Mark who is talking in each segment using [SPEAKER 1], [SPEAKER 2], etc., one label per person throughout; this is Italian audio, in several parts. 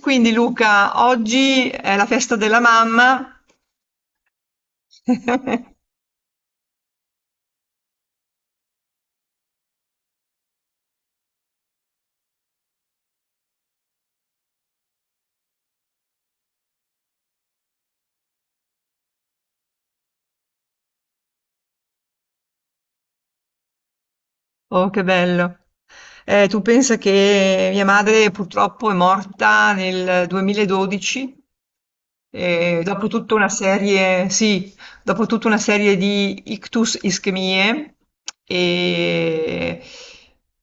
[SPEAKER 1] Quindi Luca, oggi è la festa della mamma. Oh, che bello. Tu pensa che mia madre purtroppo è morta nel 2012. E dopo tutta una serie, sì, dopo tutta una serie di ictus ischemie e-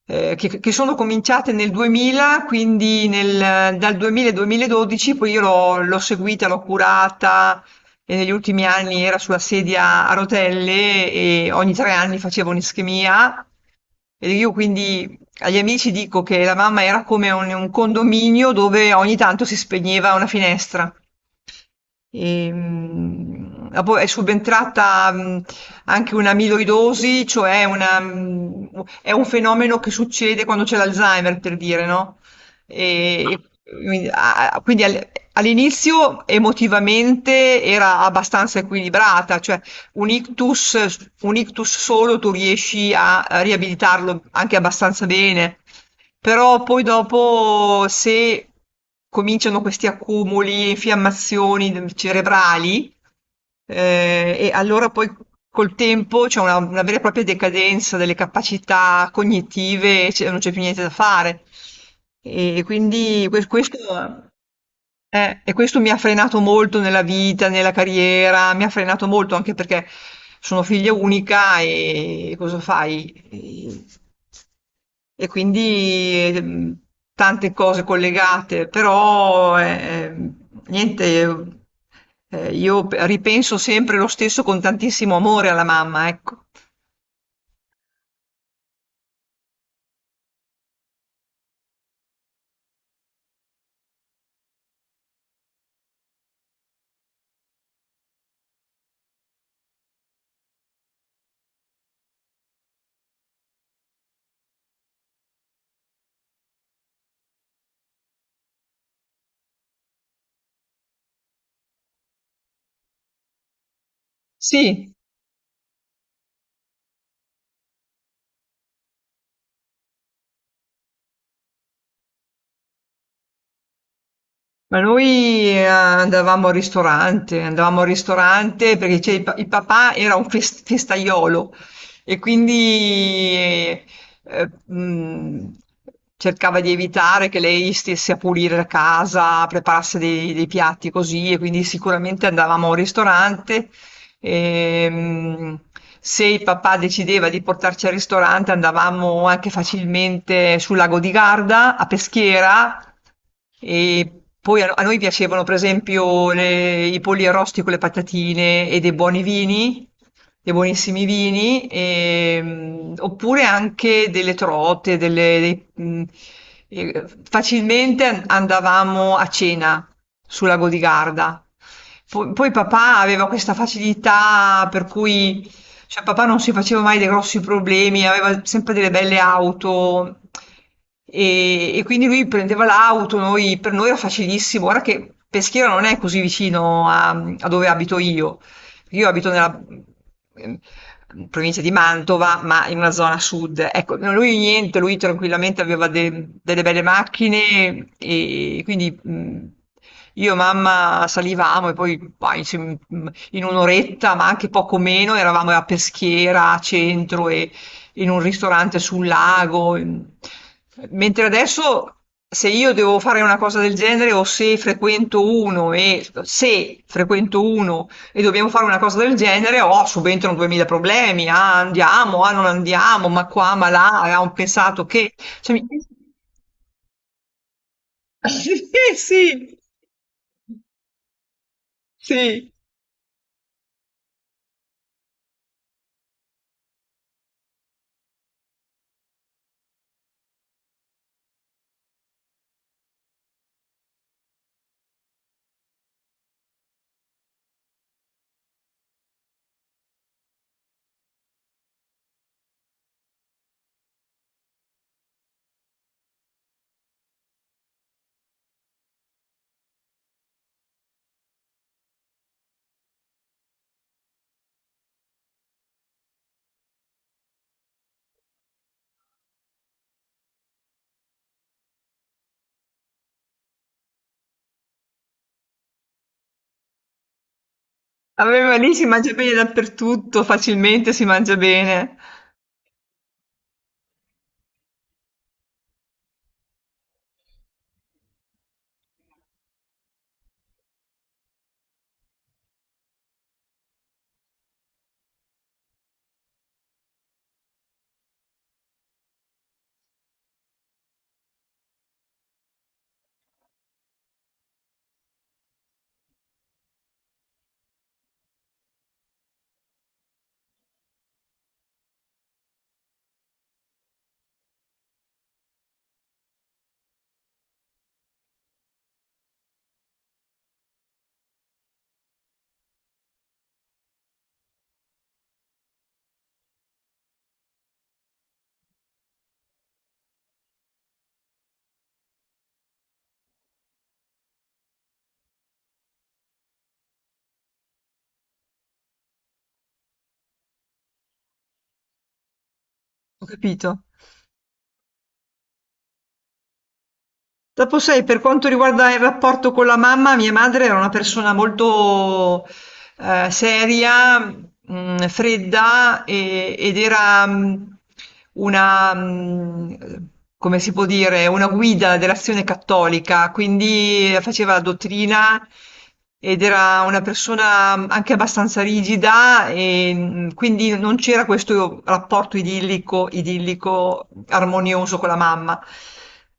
[SPEAKER 1] che sono cominciate nel 2000, quindi dal 2000 al 2012, poi io l'ho seguita, l'ho curata e negli ultimi anni era sulla sedia a rotelle e ogni tre anni facevo un'ischemia. E io quindi agli amici dico che la mamma era come un condominio dove ogni tanto si spegneva una finestra. Poi è subentrata anche un'amiloidosi, cioè è un fenomeno che succede quando c'è l'Alzheimer, per dire, no? E quindi quindi all'inizio emotivamente era abbastanza equilibrata, cioè un ictus, un ictus solo tu riesci a riabilitarlo anche abbastanza bene, però poi dopo se cominciano questi accumuli, infiammazioni cerebrali, e allora poi col tempo c'è una vera e propria decadenza delle capacità cognitive, e non c'è più niente da fare. E quindi questo e questo mi ha frenato molto nella vita, nella carriera, mi ha frenato molto anche perché sono figlia unica e cosa fai? E quindi tante cose collegate, però ehm, niente, io ripenso sempre lo stesso con tantissimo amore alla mamma, ecco. Sì. Ma noi andavamo al ristorante perché il papà era un festaiolo e quindi eh, eh, mh, cercava di evitare che lei stesse a pulire la casa, preparasse dei piatti così e quindi sicuramente andavamo al ristorante. Ehm, Se il papà decideva di portarci al ristorante, andavamo anche facilmente sul lago di Garda, a Peschiera, e poi a noi piacevano, per esempio, i polli arrosti con le patatine e dei buoni vini, dei buonissimi vini, oppure anche delle trote, facilmente andavamo a cena sulla Godigarda. Poi, papà aveva questa facilità per cui, cioè papà non si faceva mai dei grossi problemi, aveva sempre delle belle auto e quindi lui prendeva l'auto, per noi era facilissimo. Ora che Peschiera non è così vicino a dove abito io abito nella ehm, provincia di Mantova, ma in una zona sud. Ecco, no, lui niente, lui tranquillamente aveva delle belle macchine e quindi io e mamma salivamo e poi bah, in un'oretta, ma anche poco meno, eravamo a Peschiera, a centro e in un ristorante sul lago. Mentre adesso... Se io devo fare una cosa del genere o se frequento uno e dobbiamo fare una cosa del genere, oh, subentrano 2000 problemi, ah, andiamo, ah, non andiamo, ma qua, ma là, abbiamo pensato che... Cioè, Sì, sì, sì, a me va lì si mangia bene dappertutto, facilmente si mangia bene, ho capito. Dopo sai, per quanto riguarda il rapporto con la mamma, mia madre era una persona molto seria, fredda ed era una, mh, come si può dire, una guida dell'azione cattolica, quindi faceva la dottrina ed era una persona anche abbastanza rigida e quindi non c'era questo rapporto idillico, idillico, armonioso con la mamma.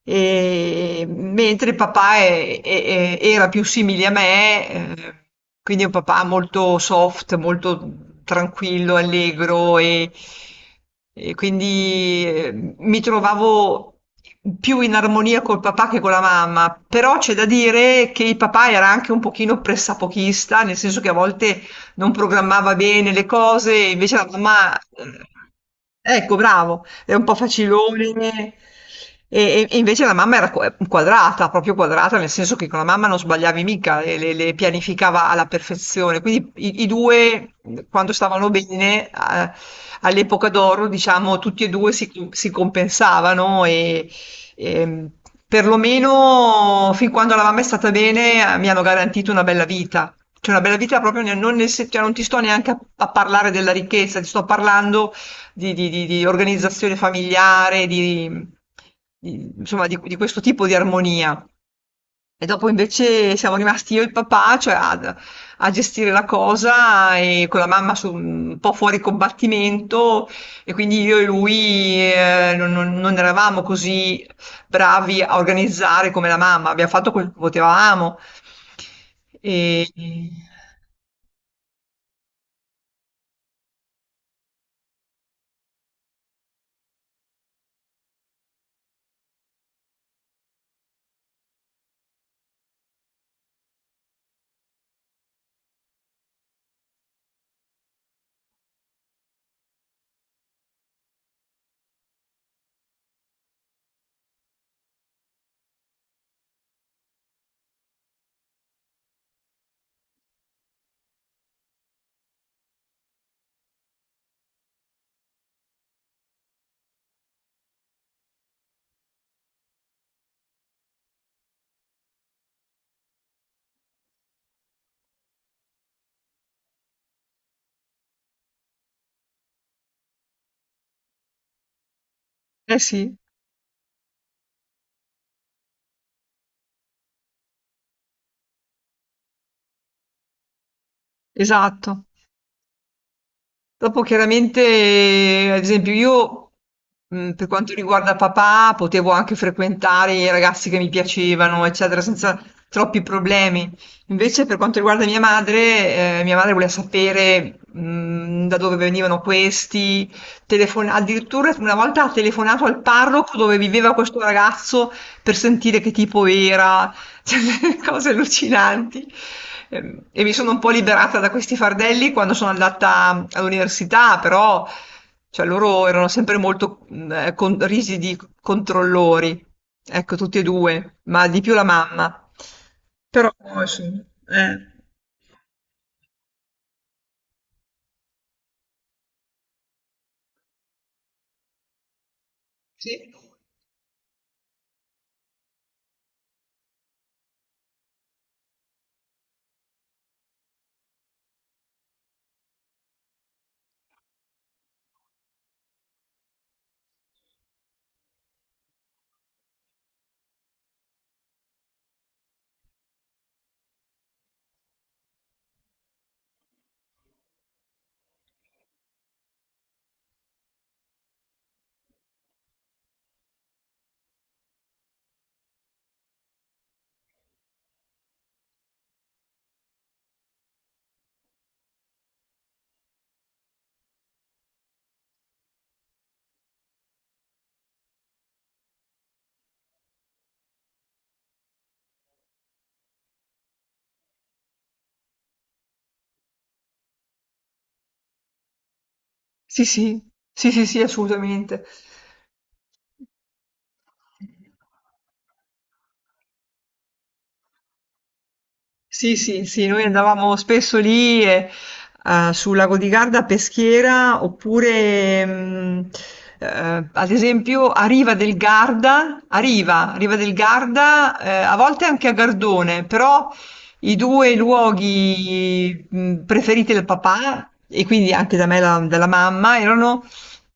[SPEAKER 1] Mentre il papà era più simile a me, quindi è un papà molto soft, molto tranquillo, allegro e quindi mi trovavo più in armonia col papà che con la mamma, però c'è da dire che il papà era anche un pochino pressapochista, nel senso che a volte non programmava bene le cose, invece la mamma... Ecco, bravo, era un po' facilone. E e invece la mamma era quadrata, proprio quadrata, nel senso che con la mamma non sbagliavi mica, le pianificava alla perfezione. Quindi i due, quando stavano bene, all'epoca d'oro, diciamo, tutti e due si compensavano e perlomeno fin quando la mamma è stata bene, mi hanno garantito una bella vita. Cioè una bella vita proprio nel- non, nel, se- cioè non ti sto neanche a parlare della ricchezza, ti sto parlando di organizzazione familiare, insomma, di questo tipo di armonia. E dopo invece siamo rimasti io e il papà, a gestire la cosa e con la mamma un po' fuori combattimento e quindi io e lui non eravamo così bravi a organizzare come la mamma, abbiamo fatto quel che potevamo. E... Eh sì, esatto. Dopo chiaramente, ad esempio, io per quanto riguarda papà, potevo anche frequentare i ragazzi che mi piacevano, eccetera, senza troppi problemi. Invece, per quanto riguarda mia madre voleva sapere da dove venivano questi, addirittura una volta ha telefonato al parroco dove viveva questo ragazzo per sentire che tipo era. Cioè, delle cose allucinanti. E mi sono un po' liberata da questi fardelli quando sono andata all'università, però cioè, loro erano sempre molto rigidi controllori, ecco, tutti e due, ma di più la mamma. Però, insomma, eh, sì, sì, sì, sì, sì, sì, assolutamente. Sì, sì, sì, noi andavamo spesso lì sul lago di Garda a Peschiera oppure ad esempio a Riva del Garda, a Riva, Riva del Garda, a volte anche a Gardone, però i due luoghi preferiti del papà e quindi anche da me e dalla mamma erano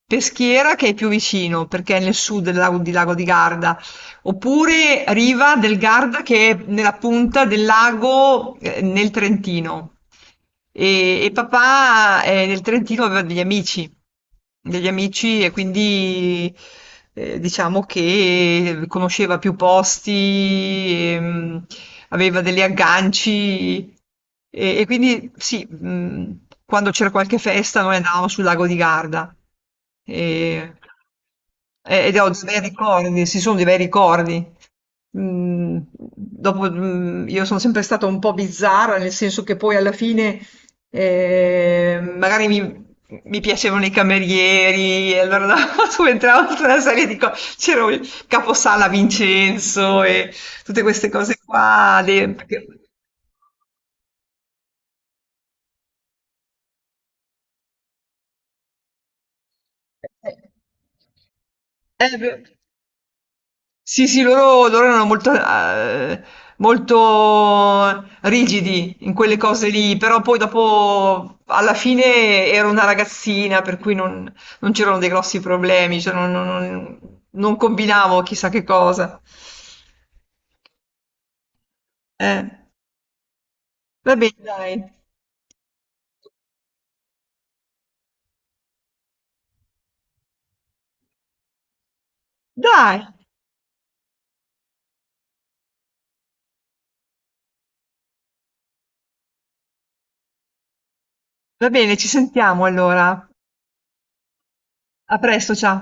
[SPEAKER 1] Peschiera che è più vicino perché è nel sud del Lago di Garda oppure Riva del Garda che è nella punta del lago nel Trentino. E papà nel Trentino aveva degli amici e quindi diciamo che conosceva più posti, ehm, aveva degli agganci e quindi sì, quando c'era qualche festa noi andavamo sul lago di Garda. E, Ed ho dei bei ricordi, sì, sono dei bei ricordi. Dopo, io sono sempre stata un po' bizzarra, nel senso che poi alla fine magari mi piacevano i camerieri, e allora subentravo tutta una serie di cose. C'era il caposala Vincenzo e tutte queste cose qua. Eh, Beh, sì, sì, loro erano molto, molto rigidi in quelle cose lì, però poi dopo, alla fine, ero una ragazzina, per cui non c'erano dei grossi problemi, cioè non combinavo chissà che cosa. Eh, Va bene, dai. Dai, va bene, ci sentiamo allora. A presto, ciao.